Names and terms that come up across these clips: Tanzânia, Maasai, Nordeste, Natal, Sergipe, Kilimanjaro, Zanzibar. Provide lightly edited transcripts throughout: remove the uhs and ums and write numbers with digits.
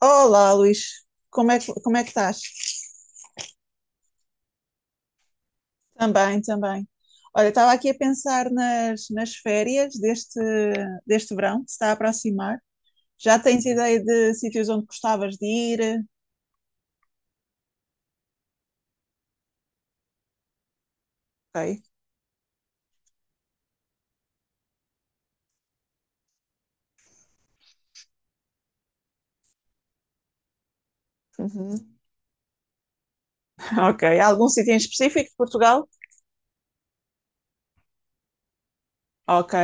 Olá, Luís. Como é que estás? Também. Olha, estava aqui a pensar nas férias deste verão que se está a aproximar. Já tens ideia de sítios onde gostavas de ir? Ok. Uhum. Ok. Algum sítio em específico de Portugal? Ok.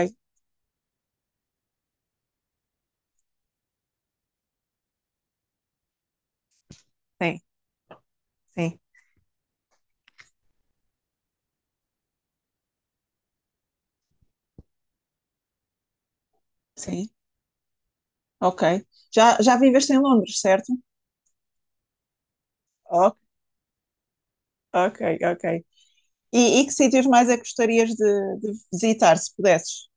Sim, sim. Sim. Ok. Já viveste em Londres, certo? Ok, ok, ok. E que sítios mais é que gostarias de visitar, se pudesses?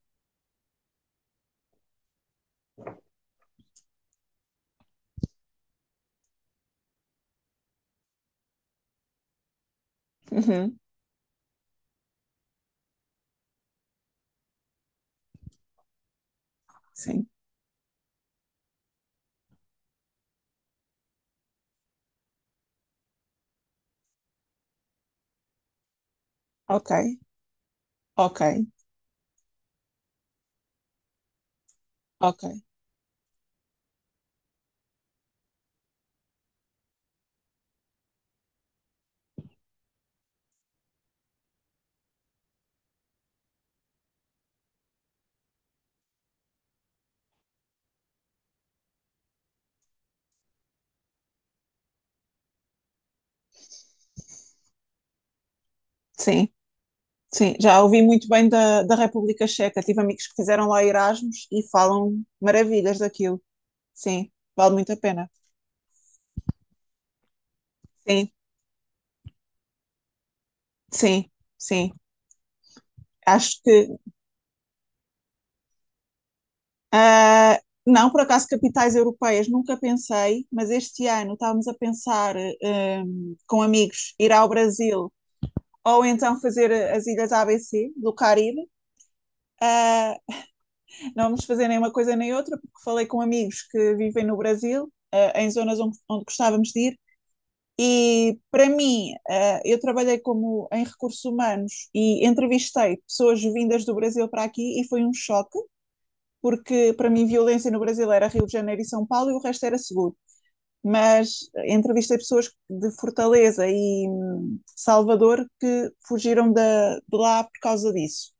Uhum. Sim. Ok, ok. Ok, sim, sim. Já ouvi muito bem da República Checa. Tive amigos que fizeram lá Erasmus e falam maravilhas daquilo. Sim, vale muito a pena. Sim, sim, sim. Acho que. ah, não, por acaso, capitais europeias nunca pensei, mas este ano estávamos a pensar com amigos ir ao Brasil, ou então fazer as ilhas ABC do Caribe. Ah, Não vamos fazer nem uma coisa nem outra, porque falei com amigos que vivem no Brasil, em zonas onde gostávamos de ir, e para mim, eu trabalhei como em recursos humanos e entrevistei pessoas vindas do Brasil para aqui e foi um choque, porque para mim violência no Brasil era Rio de Janeiro e São Paulo e o resto era seguro. Mas entrevistei pessoas de Fortaleza e Salvador, que fugiram da- de lá por causa disso.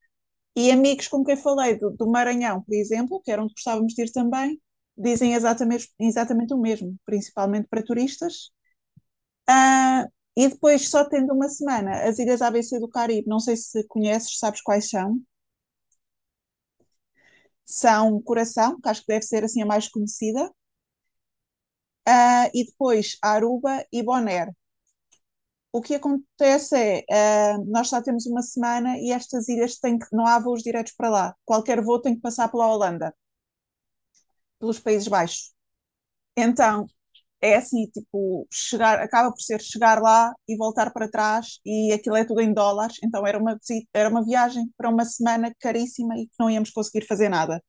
E amigos com quem falei do Maranhão, por exemplo, que era onde gostávamos de ir também, dizem exatamente o mesmo, principalmente para turistas. Ah, e depois, só tendo uma semana, as ilhas ABC do Caribe, não sei se conheces, sabes quais são. São um Coração, que acho que deve ser assim a mais conhecida, e depois Aruba e Bonaire. O que acontece é, nós só temos uma semana e estas ilhas têm que, não há voos diretos para lá. Qualquer voo tem que passar pela Holanda, pelos Países Baixos. Então, é assim, tipo, chegar, acaba por ser chegar lá e voltar para trás, e aquilo é tudo em dólares, então era uma visita, era uma viagem para uma semana caríssima e que não íamos conseguir fazer nada.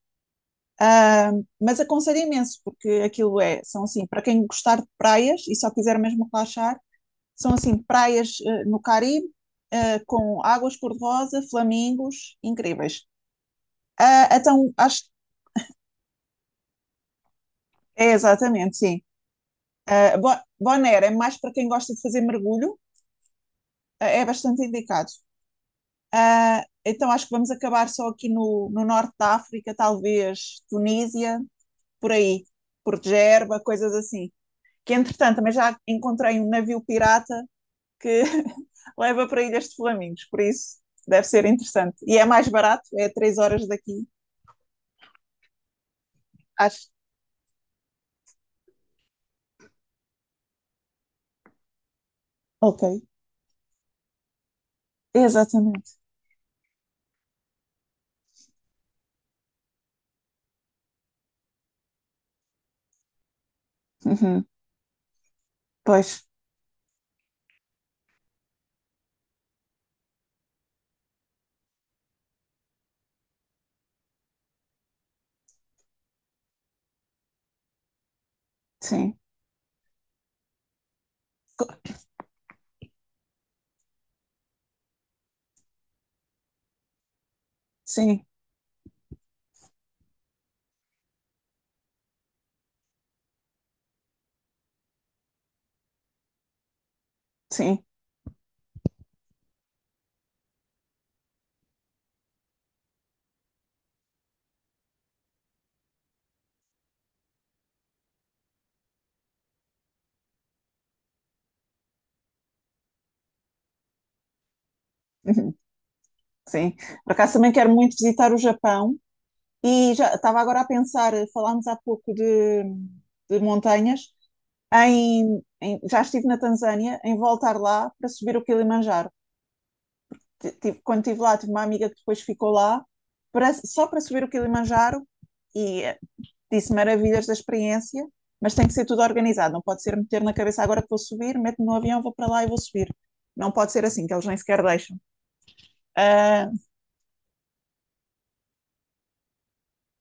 Mas aconselho imenso, porque aquilo é, são assim, para quem gostar de praias e só quiser mesmo relaxar, são assim, praias no Caribe, com águas cor-de-rosa, flamingos, incríveis. Então, acho que é exatamente, sim. Bonaire é mais para quem gosta de fazer mergulho, é bastante indicado. Então acho que vamos acabar só aqui no, no norte da África, talvez Tunísia, por aí, por Gerba, coisas assim. Que entretanto também já encontrei um navio pirata que leva para Ilhas de Flamingos, por isso deve ser interessante. E é mais barato, é três horas daqui, acho. Ok, exatamente. Uhum. Pois, sim, sim, sim. Uhum. Sim, por acaso também quero muito visitar o Japão, e já estava agora a pensar, falámos há pouco de montanhas, já estive na Tanzânia, em voltar lá para subir o Kilimanjaro. Quando estive lá, tive uma amiga que depois ficou lá só para subir o Kilimanjaro, e disse maravilhas da experiência, mas tem que ser tudo organizado, não pode ser meter na cabeça agora que vou subir, meto-me no avião, vou para lá e vou subir. Não pode ser assim, que eles nem sequer deixam. Ah,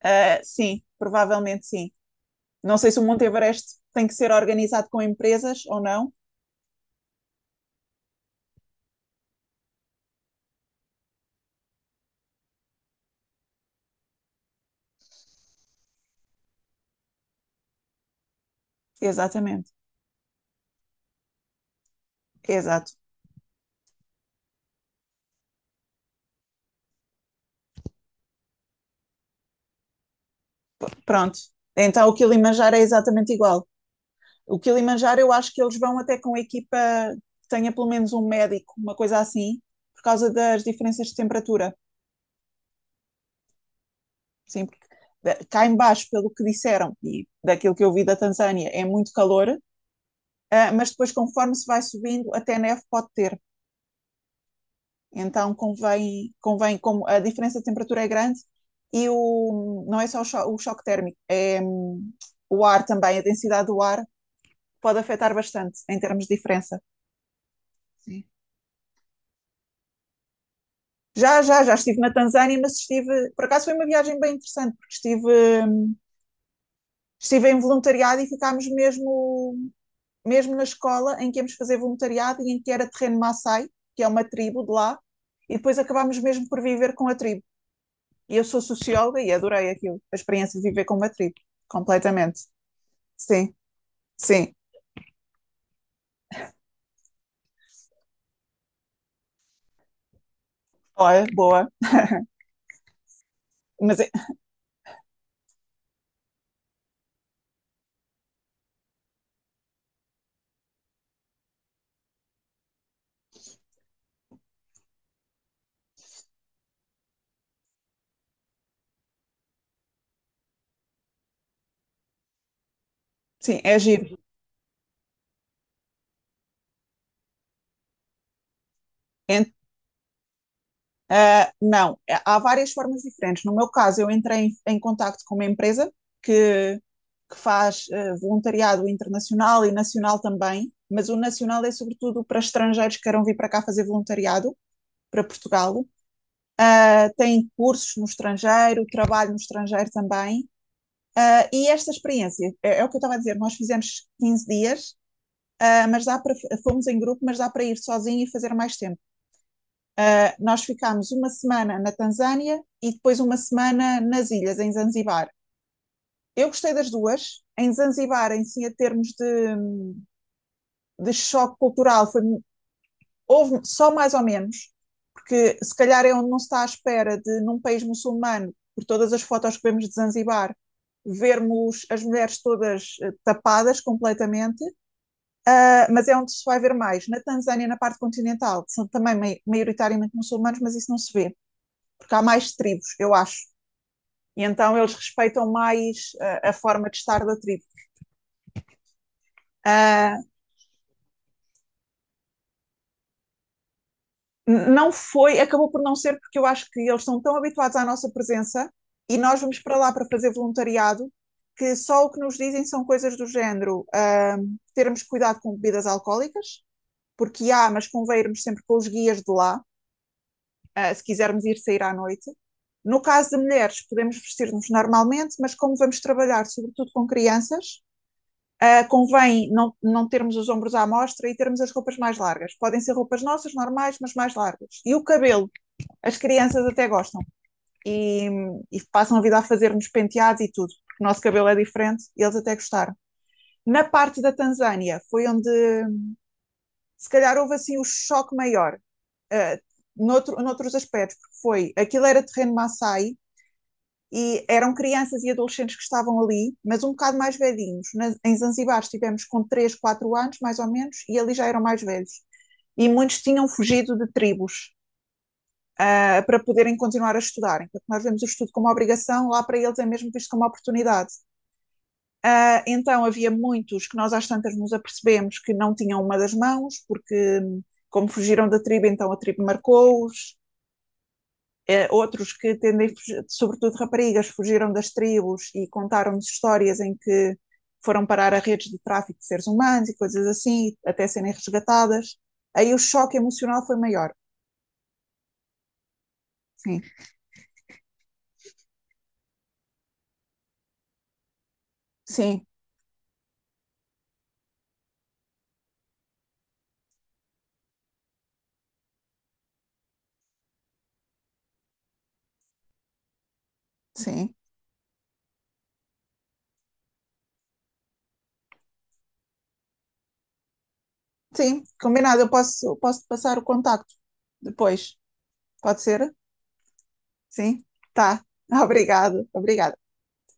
sim, provavelmente sim. Não sei se o Monte Everest tem que ser organizado com empresas ou não. Exatamente, exato. Pronto. Então o Kilimanjaro é exatamente igual. O Kilimanjaro, eu acho que eles vão até com a equipa que tenha pelo menos um médico, uma coisa assim, por causa das diferenças de temperatura. Sim, porque cá em baixo, pelo que disseram e daquilo que eu vi da Tanzânia, é muito calor, mas depois conforme se vai subindo, até neve pode ter. Então convém como a diferença de temperatura é grande e não é só o choque térmico, é o ar também, a densidade do ar pode afetar bastante em termos de diferença. Sim. Já estive na Tanzânia, mas estive, por acaso foi uma viagem bem interessante, porque estive, hum, estive em voluntariado, e ficámos mesmo na escola em que íamos fazer voluntariado e em que era terreno Maasai, que é uma tribo de lá, e depois acabámos mesmo por viver com a tribo. E eu sou socióloga e adorei aquilo, a experiência de viver com uma tribo, completamente. Sim, sim. Olha, boa. Mas, é- sim, é giro. Ent- não, é- há várias formas diferentes. No meu caso, eu entrei em, em contacto com uma empresa que, que faz voluntariado internacional e nacional também, mas o nacional é sobretudo para estrangeiros que queiram vir para cá fazer voluntariado, para Portugal. Ah, tem cursos no estrangeiro, trabalho no estrangeiro também. E esta experiência, é o que eu estava a dizer, nós fizemos 15 dias, mas dá para, fomos em grupo, mas dá para ir sozinho e fazer mais tempo. Nós ficámos uma semana na Tanzânia e depois uma semana nas ilhas, em Zanzibar. Eu gostei das duas. Em Zanzibar, em si, a termos de choque cultural, foi, houve só mais ou menos, porque se calhar é onde não se está à espera de, num país muçulmano, por todas as fotos que vemos de Zanzibar, vermos as mulheres todas tapadas completamente. Ah, mas é onde se vai ver mais. Na Tanzânia, na parte continental, são também mai- maioritariamente muçulmanos, mas isso não se vê, porque há mais tribos, eu acho. E então eles respeitam mais a forma de estar da tribo. Ah, não foi, acabou por não ser, porque eu acho que eles estão tão habituados à nossa presença e nós vamos para lá para fazer voluntariado, que só o que nos dizem são coisas do género termos cuidado com bebidas alcoólicas, porque há, mas convém irmos sempre com os guias de lá, se quisermos ir sair à noite. No caso de mulheres, podemos vestir-nos normalmente, mas como vamos trabalhar, sobretudo com crianças, convém não termos os ombros à mostra e termos as roupas mais largas. Podem ser roupas nossas, normais, mas mais largas. E o cabelo, as crianças até gostam, e, e passam a vida a fazer-nos penteados e tudo, porque o nosso cabelo é diferente e eles até gostaram. Na parte da Tanzânia foi onde se calhar houve assim o choque maior, ah, noutros aspectos, porque foi, aquilo era terreno Maasai, e eram crianças e adolescentes que estavam ali, mas um bocado mais velhinhos. Na, em Zanzibar estivemos com 3, 4 anos, mais ou menos, e ali já eram mais velhos. E muitos tinham fugido de tribos para poderem continuar a estudar. Enquanto nós vemos o estudo como obrigação, lá para eles é mesmo visto como oportunidade. Então havia muitos que nós às tantas nos apercebemos que não tinham uma das mãos, porque como fugiram da tribo, então a tribo marcou-os. Outros que tendem, sobretudo raparigas, fugiram das tribos e contaram-nos histórias em que foram parar a redes de tráfico de seres humanos e coisas assim, até serem resgatadas. Aí o choque emocional foi maior. Sim, sim, sim. Sim, combinado. Posso passar o contacto depois. Pode ser? Sim? Tá. Obrigado, obrigada.